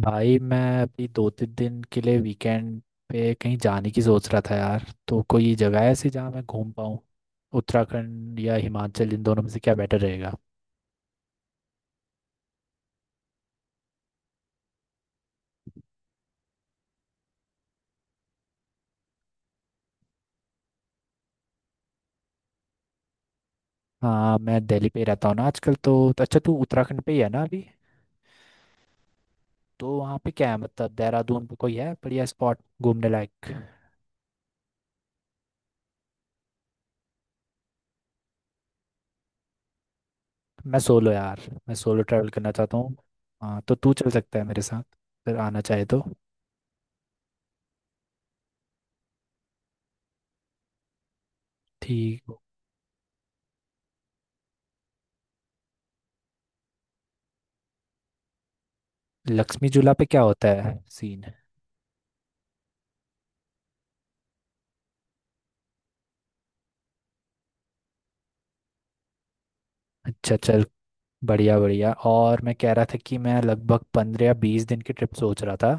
भाई मैं अभी 2-3 दिन के लिए वीकेंड पे कहीं जाने की सोच रहा था यार, तो कोई जगह ऐसी जहाँ मैं घूम पाऊँ। उत्तराखंड या हिमाचल इन दोनों में से क्या बेटर रहेगा? हाँ मैं दिल्ली पे ही रहता हूँ ना आजकल, तो अच्छा तू उत्तराखंड पे ही है ना अभी? तो वहाँ पे क्या है, मतलब देहरादून पे कोई है बढ़िया स्पॉट घूमने लायक? मैं सोलो यार। मैं सोलो ट्रैवल करना चाहता हूँ। हाँ तो तू चल सकता है मेरे साथ अगर आना चाहे तो। ठीक। लक्ष्मी झूला पे क्या होता है सीन? अच्छा चल। बढ़िया बढ़िया, और मैं कह रहा था कि मैं लगभग 15 या 20 दिन की ट्रिप सोच रहा था।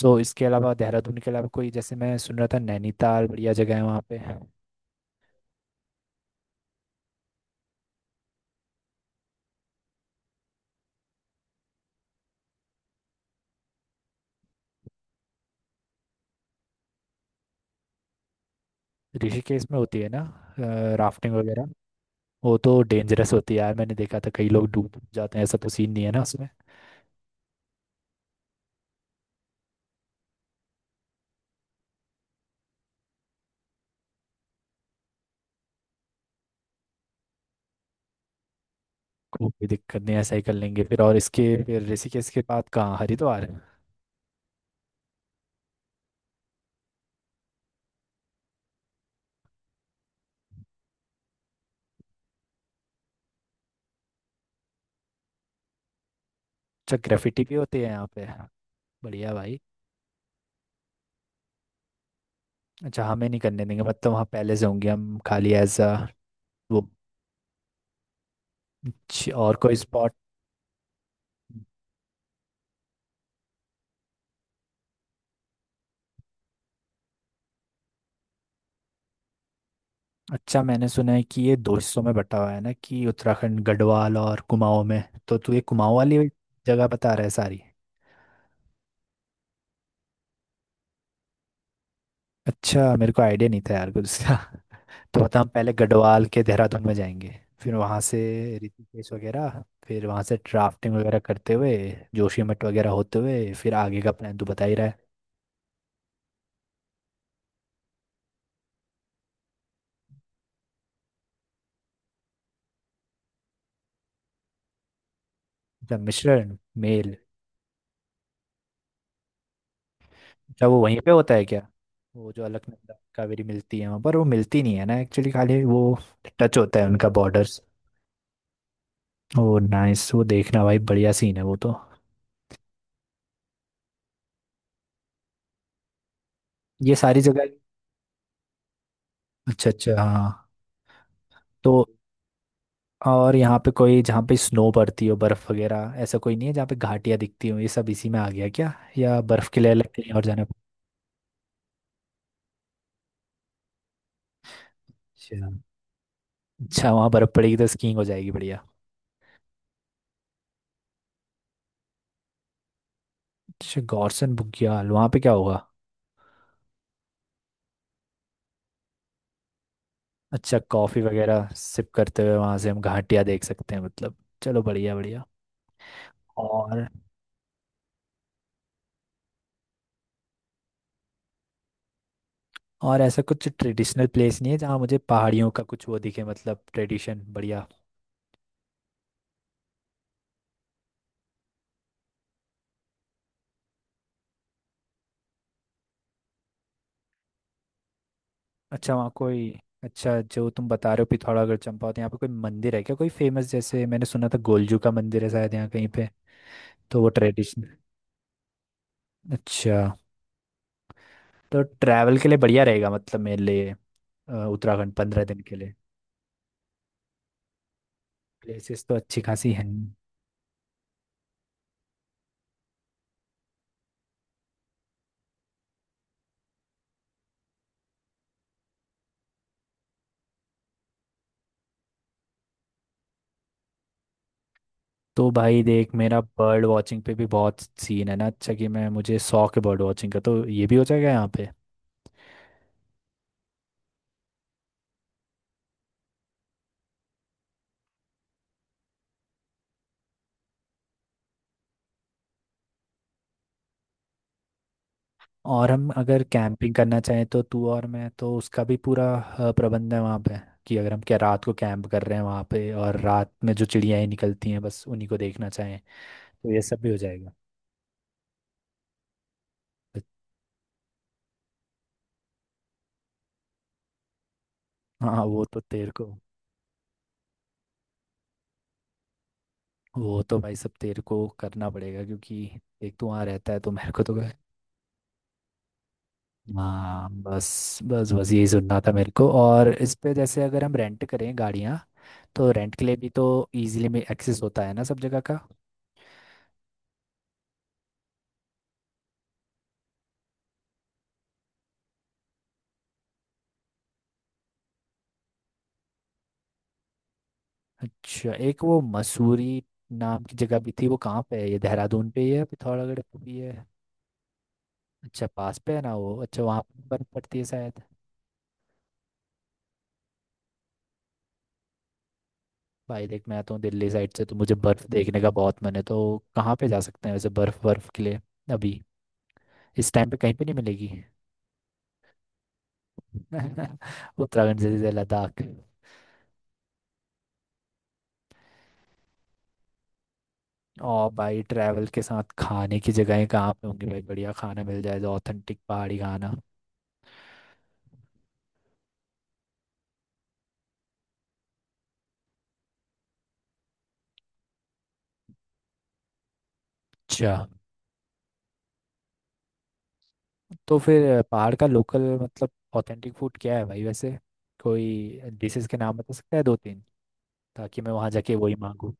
सो इसके अलावा, देहरादून के अलावा कोई, जैसे मैं सुन रहा था नैनीताल बढ़िया जगह है वहाँ पे। ऋषिकेश में होती है ना राफ्टिंग वगैरह? वो तो डेंजरस होती है यार, मैंने देखा था कई लोग डूब डूब जाते हैं, ऐसा तो सीन नहीं है ना उसमें? कोई दिक्कत नहीं है, ऐसा ही कर लेंगे फिर। और इसके फिर ऋषिकेश के बाद कहाँ, हरिद्वार, अच्छा। ग्रेफिटी भी होती है यहाँ पे? बढ़िया भाई। अच्छा हमें नहीं करने देंगे, मतलब वहाँ पहले से होंगे हम खाली एज अ वो। और कोई स्पॉट? अच्छा मैंने सुना है कि ये दो हिस्सों में बटा हुआ है ना, कि उत्तराखंड गढ़वाल और कुमाऊं में। तो तू ये कुमाऊं वाली जगह बता रहा है सारी? अच्छा मेरे को आइडिया नहीं था यार कुछ इसका। तो बता, हम पहले गढ़वाल के देहरादून में जाएंगे, फिर वहाँ से ऋषिकेश वगैरह, फिर वहाँ से राफ्टिंग वगैरह करते हुए जोशीमठ वगैरह होते हुए, फिर आगे का प्लान तू बता ही रहा है। मतलब मिश्रण। मेल। अच्छा वो वहीं पे होता है क्या? वो जो अलकनंदा कावेरी मिलती है वहाँ पर, वो मिलती नहीं है ना एक्चुअली, खाली वो टच होता है उनका, बॉर्डर्स। ओ नाइस, वो देखना भाई, बढ़िया सीन है वो तो। ये सारी जगह। अच्छा अच्छा, हाँ। तो और यहाँ पे कोई जहाँ पे स्नो पड़ती हो, बर्फ वगैरह, ऐसा कोई नहीं है जहाँ पे घाटियाँ दिखती हो, ये सब इसी में आ गया क्या? या बर्फ के लिए अलग कहीं और जाना? अच्छा। अच्छा वहाँ बर्फ पड़ेगी तो स्कीइंग हो जाएगी, बढ़िया। अच्छा गॉर्सन बुग्याल, वहाँ पे क्या होगा? अच्छा कॉफी वगैरह सिप करते हुए वहां से हम घाटियां देख सकते हैं मतलब? चलो बढ़िया बढ़िया। और और ऐसा कुछ ट्रेडिशनल प्लेस नहीं है जहाँ मुझे पहाड़ियों का कुछ वो दिखे, मतलब ट्रेडिशन बढ़िया? अच्छा वहाँ कोई। अच्छा जो तुम बता रहे हो पिथौरागढ़ चंपावत, यहाँ पे कोई मंदिर है क्या कोई फेमस, जैसे मैंने सुना था गोलजू का मंदिर है शायद यहाँ कहीं पे? तो वो ट्रेडिशनल। अच्छा तो ट्रैवल के लिए बढ़िया रहेगा, मतलब मेरे लिए, उत्तराखंड 15 दिन के लिए। प्लेसेस तो अच्छी खासी हैं। तो भाई देख, मेरा बर्ड वॉचिंग पे भी बहुत सीन है ना अच्छा, कि मैं, मुझे शौक है बर्ड वॉचिंग का, तो ये भी हो जाएगा यहाँ पे। और हम अगर कैंपिंग करना चाहें तो तू, और मैं तो, उसका भी पूरा प्रबंध है वहाँ पे, कि अगर हम क्या रात को कैंप कर रहे हैं वहाँ पे और रात में जो चिड़िया ही निकलती हैं बस उन्हीं को देखना चाहें? तो ये सब भी हो जाएगा। हाँ वो तो तेरे को। वो तो भाई सब तेरे को करना पड़ेगा, क्योंकि एक तो वहाँ रहता है, तो मेरे को तो। हाँ बस बस बस, यही सुनना था मेरे को। और इस पे, जैसे अगर हम रेंट करें गाड़ियाँ, तो रेंट के लिए भी तो इजीली में एक्सेस होता है ना सब जगह का? अच्छा, एक वो मसूरी नाम की जगह भी थी, वो कहाँ पे है, ये देहरादून पे ही है, पिथौरागढ़ पे भी है? अच्छा पास पे है ना वो। अच्छा वहाँ पे बर्फ पड़ती है शायद। भाई देख, मैं आता हूँ दिल्ली साइड से तो मुझे बर्फ देखने का बहुत मन है, तो कहाँ पे जा सकते हैं वैसे बर्फ, बर्फ के लिए अभी इस टाइम पे कहीं पे नहीं मिलेगी? उत्तराखंड से सीधे लद्दाख? और भाई ट्रैवल के साथ खाने की जगहें कहाँ पे होंगी भाई, बढ़िया खाना मिल जाए तो, ऑथेंटिक पहाड़ी खाना? अच्छा तो फिर पहाड़ का लोकल मतलब ऑथेंटिक फूड क्या है भाई वैसे? कोई डिशेस के नाम बता सकता है 2-3, ताकि मैं वहाँ जाके वही मांगू?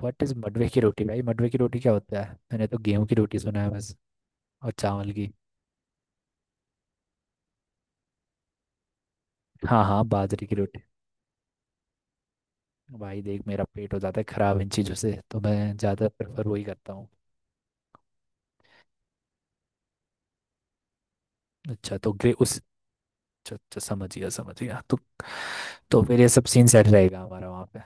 व्हाट इज मडवे की रोटी भाई? मडवे की रोटी क्या होता है, मैंने तो गेहूं की रोटी सुना है बस, और चावल की। हाँ हाँ बाजरे की रोटी। भाई देख, मेरा पेट हो जाता है खराब इन चीज़ों से, तो मैं ज़्यादा प्रेफर वही करता हूँ। अच्छा तो ग्रे उस अच्छा अच्छा, समझ गया समझ गया। तो फिर ये सब सीन सेट रहेगा हमारा वहाँ पे?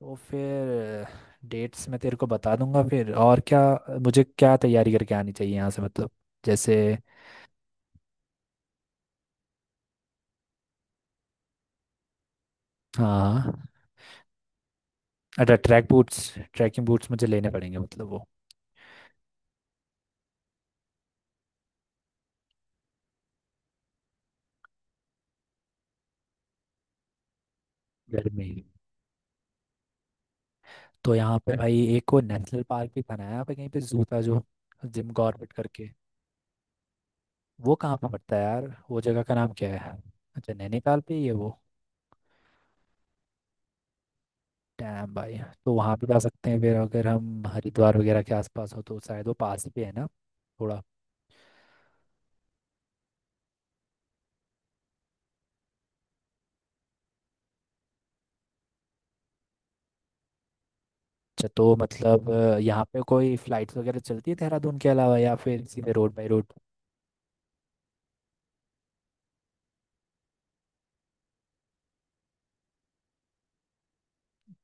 तो फिर डेट्स मैं तेरे को बता दूंगा फिर। और क्या मुझे क्या तैयारी करके आनी चाहिए यहाँ से, मतलब जैसे, हाँ? अच्छा ट्रैक बूट्स, ट्रैकिंग बूट्स मुझे लेने पड़ेंगे मतलब वो गर्मी में। तो यहाँ पे भाई एक वो नेशनल पार्क भी बना है यहाँ पे कहीं पे, जू था जो, जिम कॉर्बेट करके। वो कहाँ पे पड़ता है यार, वो जगह का नाम क्या है? अच्छा नैनीताल पे ही है वो? डैम भाई। तो वहाँ भी जा सकते हैं फिर अगर हम हरिद्वार वगैरह के आसपास हो, तो शायद वो पास ही पे है ना थोड़ा? अच्छा तो मतलब यहाँ पे कोई फ्लाइट्स वगैरह चलती है देहरादून के अलावा, या फिर सीधे रोड बाई रोड?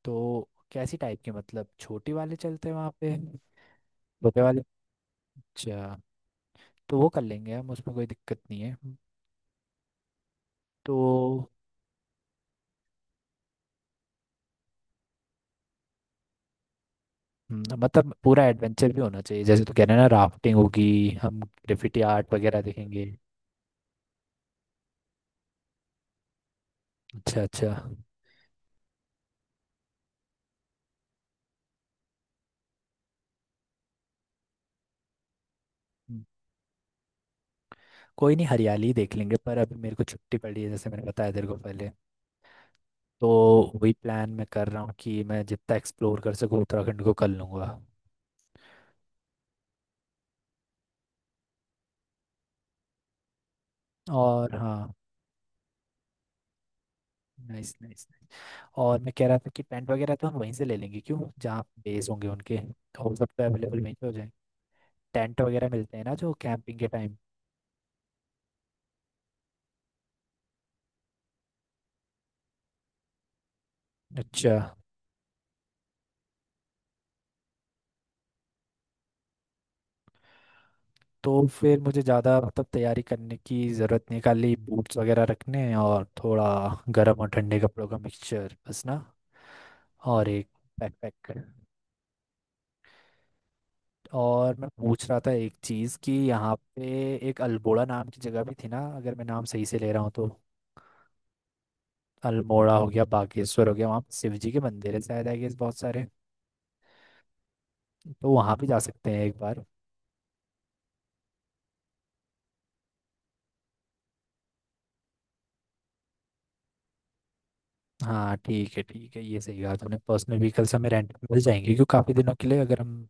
तो कैसी टाइप के, मतलब छोटे वाले चलते हैं वहाँ पे? छोटे वाले। अच्छा। तो वो कर लेंगे हम, उसमें कोई दिक्कत नहीं है तो। मतलब पूरा एडवेंचर भी होना चाहिए, जैसे तो कह रहे हैं ना, राफ्टिंग होगी, हम ग्रेफिटी आर्ट वगैरह देखेंगे। अच्छा अच्छा। कोई नहीं, हरियाली ही देख लेंगे। पर अभी मेरे को छुट्टी पड़ी है जैसे मैंने बताया तेरे को पहले, तो वही प्लान मैं कर रहा हूँ कि मैं जितना एक्सप्लोर कर सकूँ उत्तराखंड को कर लूँगा। और हाँ, नाइस नाइस नाइस। और मैं कह रहा था कि टेंट वगैरह तो हम वहीं से ले लेंगे क्यों, जहाँ बेस होंगे उनके, तो वो सब तो अवेलेबल वहीं पे हो जाए। टेंट वगैरह मिलते हैं ना जो कैंपिंग के टाइम? अच्छा तो फिर मुझे ज़्यादा मतलब तैयारी करने की ज़रूरत नहीं, खाली बूट्स वगैरह रखने हैं और थोड़ा गर्म और ठंडे कपड़ों का मिक्सचर बस ना, और एक backpack? और मैं पूछ रहा था एक चीज़, कि यहाँ पे एक अल्मोड़ा नाम की जगह भी थी ना, अगर मैं नाम सही से ले रहा हूँ तो? अल्मोड़ा हो गया, बागेश्वर हो गया, वहाँ पे शिव जी के मंदिर है शायद आई गेस बहुत सारे, तो वहाँ भी जा सकते हैं एक बार। हाँ ठीक है ठीक है, ये सही कहा तुमने, पर्सनल व्हीकल्स हमें रेंट पे मिल जाएंगे क्योंकि काफ़ी दिनों के लिए अगर हम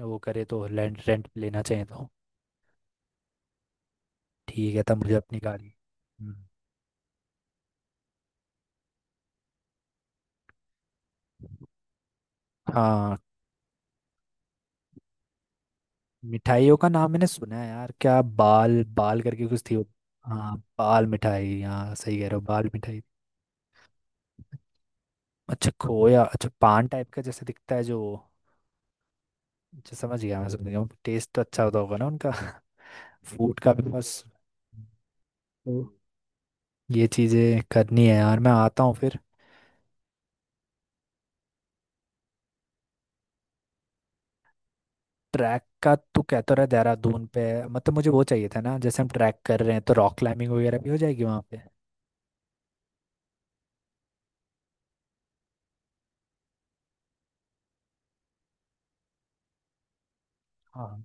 वो करें तो रेंट रेंट पे लेना चाहिए तो। ठीक है, तब मुझे अपनी गाड़ी। हम्म। हाँ मिठाइयों का नाम मैंने सुना है यार, क्या बाल बाल करके कुछ थी वो? हाँ बाल मिठाई, हाँ सही कह रहे हो, बाल मिठाई। अच्छा खोया। अच्छा पान टाइप का जैसे दिखता है जो? अच्छा समझ गया मैं, समझ गया, टेस्ट तो अच्छा होता होगा ना उनका? फूड का भी बस। तो ये चीज़ें करनी है यार, मैं आता हूँ फिर। ट्रैक का तू कहता रहा देहरादून पे, मतलब मुझे वो चाहिए था ना, जैसे हम ट्रैक कर रहे हैं तो रॉक क्लाइंबिंग वगैरह भी हो जाएगी वहाँ पे। हाँ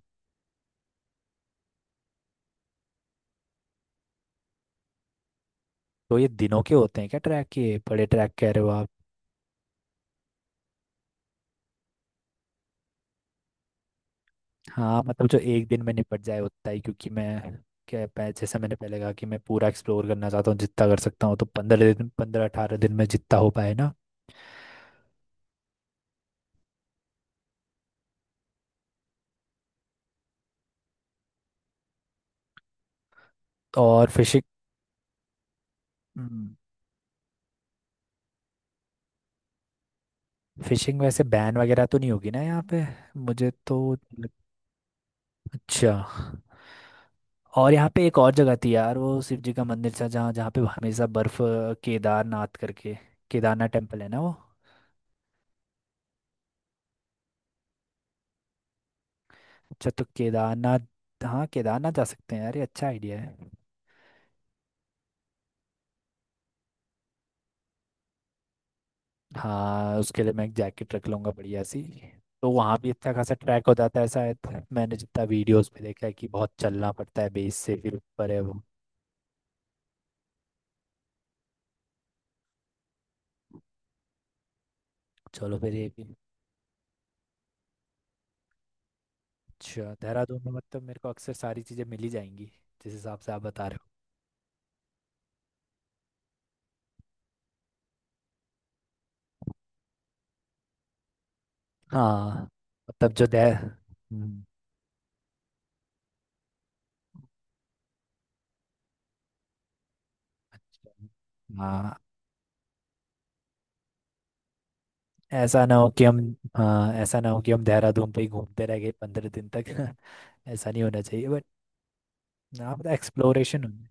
तो ये दिनों के होते हैं क्या ट्रैक, ये बड़े ट्रैक कह रहे हो आप? हाँ मतलब जो एक दिन में निपट जाए उतना ही, क्योंकि मैं जैसे मैंने पहले कहा कि मैं पूरा एक्सप्लोर करना चाहता हूँ जितना कर सकता हूँ, तो पंद्रह दिन, पंद्रह अठारह दिन में जितना हो पाए ना? और फिशिंग। हम्म, फिशिंग वैसे बैन वगैरह तो नहीं होगी ना यहाँ पे? मुझे तो अच्छा। और यहाँ पे एक और जगह थी यार, वो शिव जी का मंदिर था जहाँ, जहाँ पे हमेशा बर्फ, केदारनाथ करके, केदारनाथ टेम्पल है ना वो? अच्छा तो केदारनाथ, हाँ केदारनाथ जा सकते हैं यार, ये अच्छा आइडिया है। हाँ उसके लिए मैं एक जैकेट रख लूंगा बढ़िया सी। तो वहाँ भी इतना खासा ट्रैक हो जाता है शायद, मैंने जितना वीडियोस में देखा है कि बहुत चलना पड़ता है बेस से फिर ऊपर है वो। चलो फिर ये भी। अच्छा देहरादून में मतलब मेरे को अक्सर सारी चीज़ें मिली जाएंगी जिस हिसाब से आप बता रहे हो। हाँ मतलब जो देह हाँ ऐसा ना हो कि हम हाँ ऐसा ना हो कि हम देहरादून पे ही घूमते रह गए 15 दिन तक। ऐसा नहीं होना चाहिए बट। हाँ मतलब एक्सप्लोरेशन होना।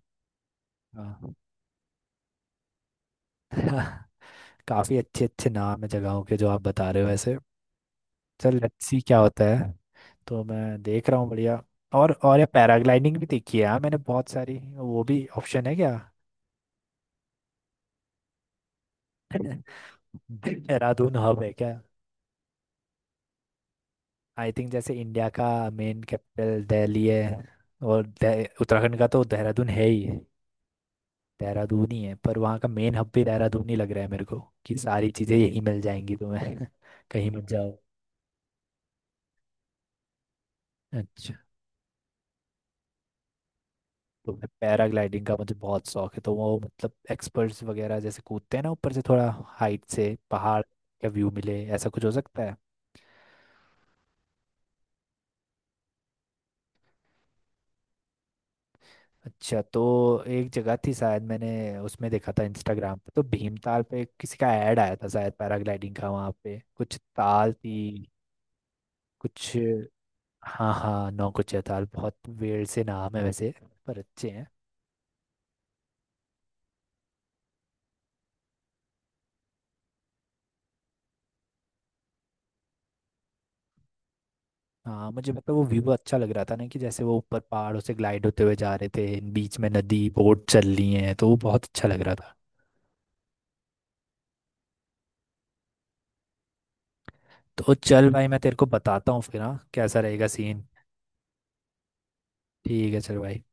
हाँ काफ़ी अच्छे अच्छे नाम है जगहों के जो आप बता रहे हो ऐसे। चल लेट्स सी क्या होता है। तो मैं देख रहा हूँ बढ़िया। और ये पैराग्लाइडिंग भी देखी है यार मैंने बहुत सारी, वो भी ऑप्शन है क्या? देहरादून हब है क्या? आई थिंक जैसे इंडिया का मेन कैपिटल दिल्ली है, और उत्तराखंड का तो देहरादून है ही। देहरादून ही है, पर वहाँ का मेन हब भी देहरादून ही लग रहा है मेरे को, कि सारी चीज़ें यही मिल जाएंगी तुम्हें। कहीं मत जाओ। अच्छा तो मैं, पैराग्लाइडिंग का मुझे बहुत शौक है, तो वो मतलब एक्सपर्ट्स वगैरह जैसे कूदते हैं ना ऊपर से, थोड़ा हाइट से पहाड़ का व्यू मिले, ऐसा कुछ हो सकता है? अच्छा तो एक जगह थी शायद, मैंने उसमें देखा था इंस्टाग्राम पे, तो भीमताल पे किसी का ऐड आया था शायद पैराग्लाइडिंग का, वहाँ पे कुछ ताल थी कुछ? हाँ हाँ नौकुचिया ताल, बहुत वेड़ से नाम है वैसे, पर अच्छे हैं। हाँ मुझे मतलब वो व्यू अच्छा लग रहा था ना, कि जैसे वो ऊपर पहाड़ों से ग्लाइड होते हुए जा रहे थे, बीच में नदी, बोट चल रही है, तो वो बहुत अच्छा लग रहा था। तो चल भाई, मैं तेरे को बताता हूँ फिर हाँ, कैसा रहेगा सीन? ठीक है चल भाई।